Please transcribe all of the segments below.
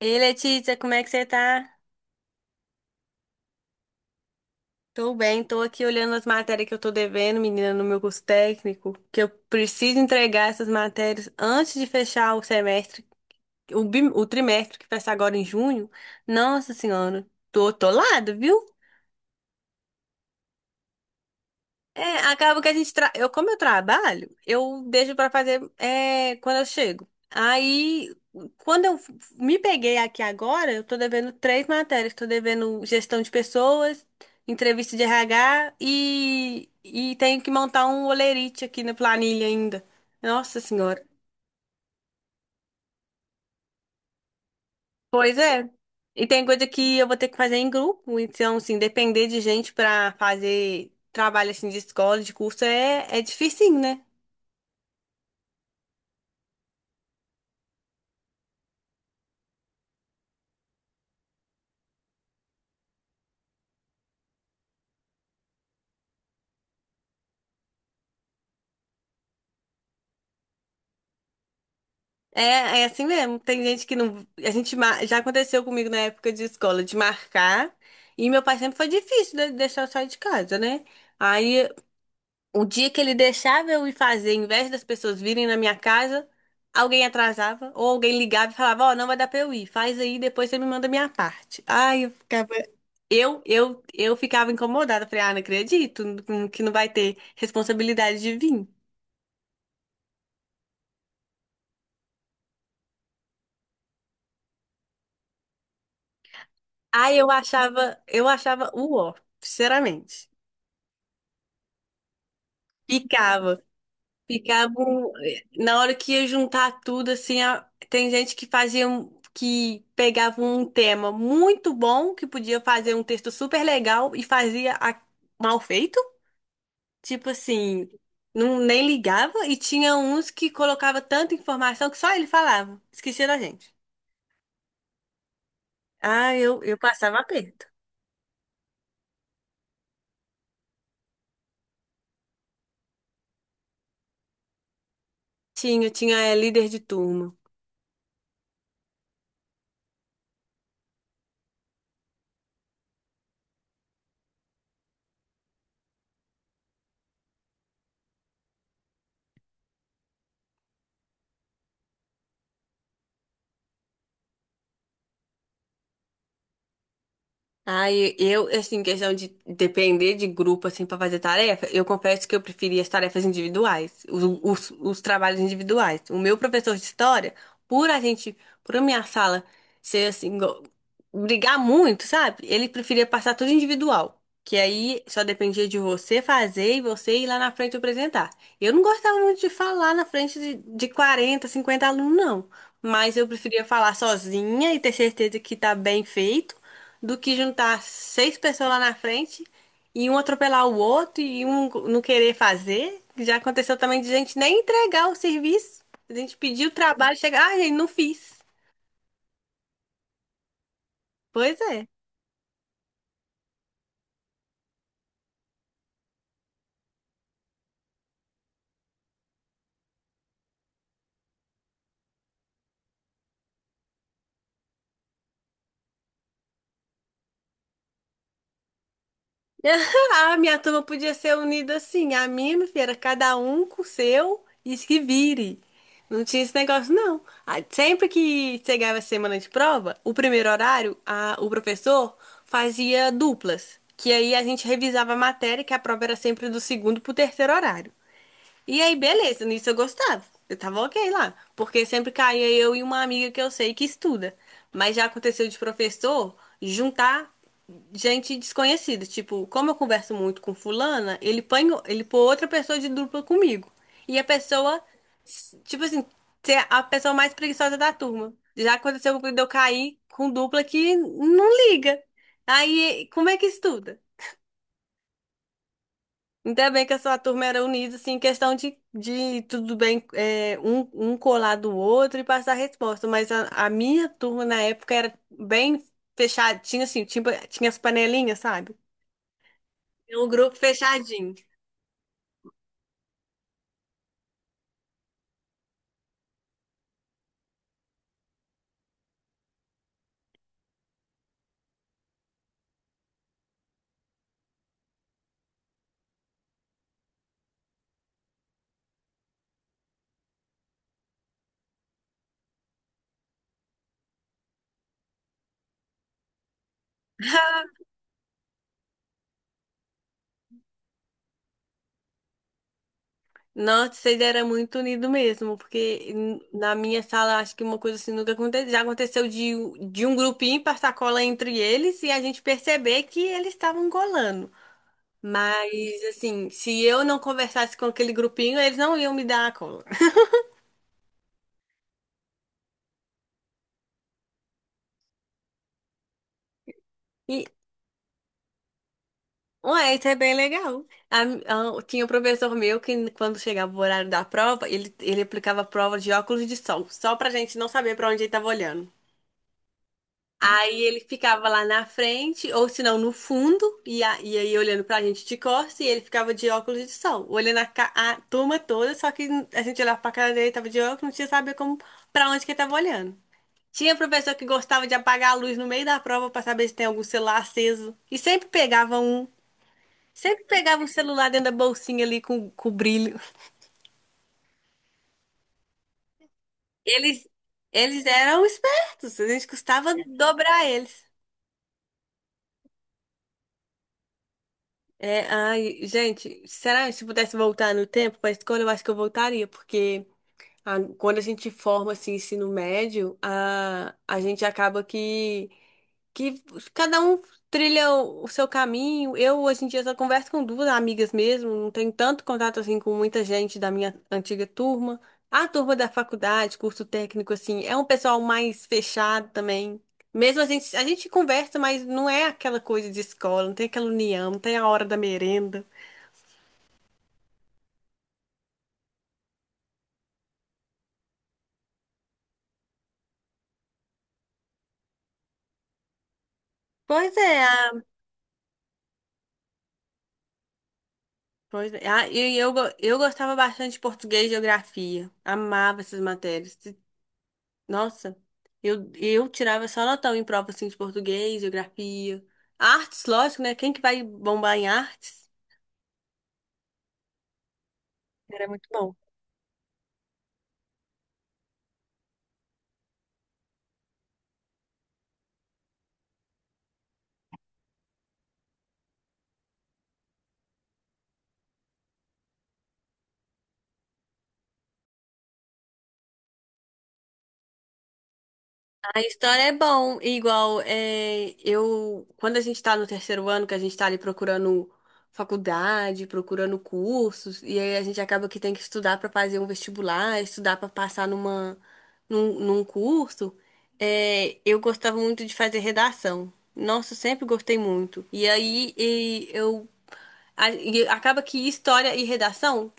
Ei, Letícia, como é que você tá? Tô bem, tô aqui olhando as matérias que eu tô devendo, menina, no meu curso técnico, que eu preciso entregar essas matérias antes de fechar o semestre, o trimestre que fecha agora em junho. Nossa Senhora, tô atolada, viu? É, acaba que eu como eu trabalho, eu deixo pra fazer é, quando eu chego. Aí, quando me peguei aqui agora, eu tô devendo 3 matérias, tô devendo gestão de pessoas, entrevista de RH e tenho que montar um holerite aqui na planilha ainda. Nossa Senhora. Pois é. E tem coisa que eu vou ter que fazer em grupo, então assim, depender de gente pra fazer trabalho assim de escola, de curso é difícil. É, é assim mesmo. Tem gente que não. Já aconteceu comigo na época de escola de marcar. E meu pai sempre foi difícil de deixar eu sair de casa, né? Aí, o dia que ele deixava eu ir fazer, em vez das pessoas virem na minha casa, alguém atrasava ou alguém ligava e falava: Ó, não vai dar pra eu ir, faz aí, depois você me manda a minha parte. Ai, eu ficava. Eu ficava incomodada. Falei: Ah, não acredito que não vai ter responsabilidade de vir. Aí eu achava o ó, sinceramente. Ficava, ficava um- na hora que ia juntar tudo assim, tem gente que que pegava um tema muito bom, que podia fazer um texto super legal e mal feito, tipo assim, não nem ligava e tinha uns que colocava tanta informação que só ele falava, esquecia da gente. Ah, eu passava aperto. Tinha, tinha é, líder de turma. Ai, eu, assim, questão de depender de grupo, assim, pra fazer tarefa, eu confesso que eu preferia as tarefas individuais, os trabalhos individuais. O meu professor de história, por a gente, por a minha sala ser, assim, brigar muito, sabe? Ele preferia passar tudo individual, que aí só dependia de você fazer e você ir lá na frente apresentar. Eu não gostava muito de falar na frente de 40, 50 alunos, não. Mas eu preferia falar sozinha e ter certeza que tá bem feito do que juntar 6 pessoas lá na frente e um atropelar o outro e um não querer fazer. Já aconteceu também de gente nem entregar o serviço. A gente pediu o trabalho, chegar, ah, gente, não fiz. Pois é. A minha turma podia ser unida assim. A minha filha, era cada um com o seu e se vire. Não tinha esse negócio, não. Ah, sempre que chegava a semana de prova, o primeiro horário, o professor fazia duplas. Que aí a gente revisava a matéria, que a prova era sempre do segundo pro terceiro horário. E aí, beleza, nisso eu gostava. Eu tava ok lá. Porque sempre caía eu e uma amiga que eu sei que estuda. Mas já aconteceu de professor juntar gente desconhecida. Tipo, como eu converso muito com fulana, ele põe outra pessoa de dupla comigo. E a pessoa, tipo assim, ser a pessoa mais preguiçosa da turma. Já aconteceu de eu cair com dupla que não liga. Aí, como é que estuda? Ainda bem que a sua turma era unida, assim, em questão de tudo bem, é, um colar do outro e passar a resposta. Mas a minha turma na época era bem fechadinha, assim, tinha, tinha as panelinhas, sabe? Era um grupo fechadinho. Nossa, vocês eram muito unidos mesmo, porque na minha sala acho que uma coisa assim nunca aconteceu. Já aconteceu de um grupinho passar cola entre eles e a gente perceber que eles estavam colando. Mas, assim, se eu não conversasse com aquele grupinho, eles não iam me dar a cola. E, ué, isso é bem legal. Tinha um professor meu que, quando chegava o horário da prova, ele aplicava a prova de óculos de sol, só pra gente não saber pra onde ele tava olhando. Aí ele ficava lá na frente, ou se não, no fundo, e aí olhando pra gente de costas, e ele ficava de óculos de sol, olhando a, a turma toda, só que a gente olhava pra cara dele, tava de óculos, não tinha saber como, pra onde que ele tava olhando. Tinha professor que gostava de apagar a luz no meio da prova para saber se tem algum celular aceso. E sempre pegava um. Sempre pegava um celular dentro da bolsinha ali com brilho. Eles, eles eram espertos. A gente custava dobrar eles. É, ai, gente, será que se pudesse voltar no tempo para a escola, eu acho que eu voltaria, porque quando a gente forma assim, ensino médio, a gente acaba que cada um trilha o seu caminho. Eu, hoje em dia, só converso com 2 amigas mesmo, não tenho tanto contato assim com muita gente da minha antiga turma. A turma da faculdade, curso técnico, assim, é um pessoal mais fechado também. Mesmo a gente conversa, mas não é aquela coisa de escola, não tem aquela união, não tem a hora da merenda. Pois é, a- Pois é. E eu, eu gostava bastante de português e geografia. Amava essas matérias. Nossa, eu tirava só notão em prova assim, de português, geografia. Artes, lógico, né? Quem que vai bombar em artes? Era muito bom. A história é bom, igual é, eu quando a gente tá no 3º ano, que a gente tá ali procurando faculdade, procurando cursos, e aí a gente acaba que tem que estudar pra fazer um vestibular, estudar pra passar num curso, é, eu gostava muito de fazer redação. Nossa, eu sempre gostei muito. E aí e eu e acaba que história e redação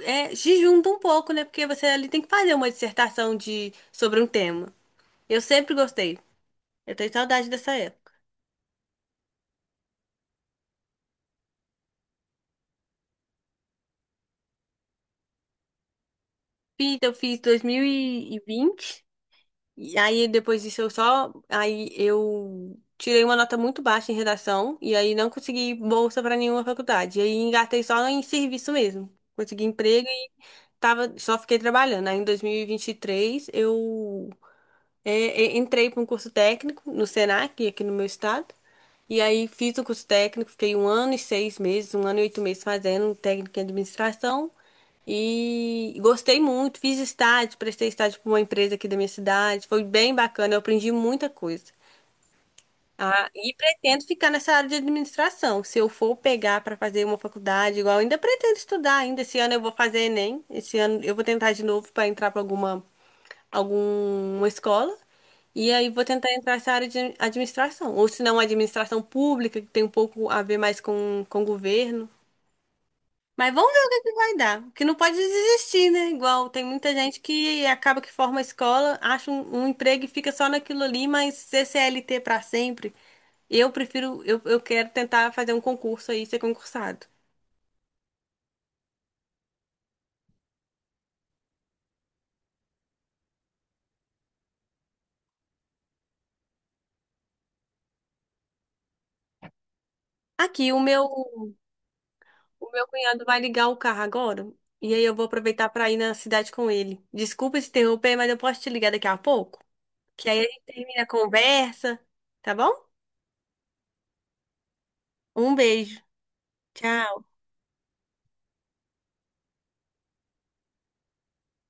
é, se juntam um pouco, né? Porque você ali tem que fazer uma dissertação de, sobre um tema. Eu sempre gostei. Eu tenho saudade dessa época. Fiz, eu fiz 2020, e aí depois disso eu só. Aí eu tirei uma nota muito baixa em redação, e aí não consegui bolsa para nenhuma faculdade. E aí engatei só em serviço mesmo. Consegui emprego e tava, só fiquei trabalhando. Aí em 2023 eu é, entrei para um curso técnico no Senac, aqui no meu estado. E aí fiz o curso técnico, fiquei 1 ano e 6 meses, 1 ano e 8 meses fazendo técnico em administração. E gostei muito, fiz estágio, prestei estágio para uma empresa aqui da minha cidade. Foi bem bacana, eu aprendi muita coisa. Ah, e pretendo ficar nessa área de administração. Se eu for pegar para fazer uma faculdade, igual, ainda pretendo estudar ainda. Esse ano eu vou fazer Enem. Esse ano eu vou tentar de novo para entrar para alguma escola e aí vou tentar entrar nessa área de administração. Ou se não, administração pública, que tem um pouco a ver mais com governo. Mas vamos ver o que que vai dar. Porque não pode desistir, né? Igual tem muita gente que acaba que forma a escola, acha um emprego e fica só naquilo ali, mas ser CLT para sempre. Eu prefiro, eu quero tentar fazer um concurso aí, ser concursado. Aqui, o meu. O meu cunhado vai ligar o carro agora e aí eu vou aproveitar para ir na cidade com ele. Desculpa se interromper, mas eu posso te ligar daqui a pouco? Que aí a gente termina a conversa, tá bom? Um beijo. Tchau.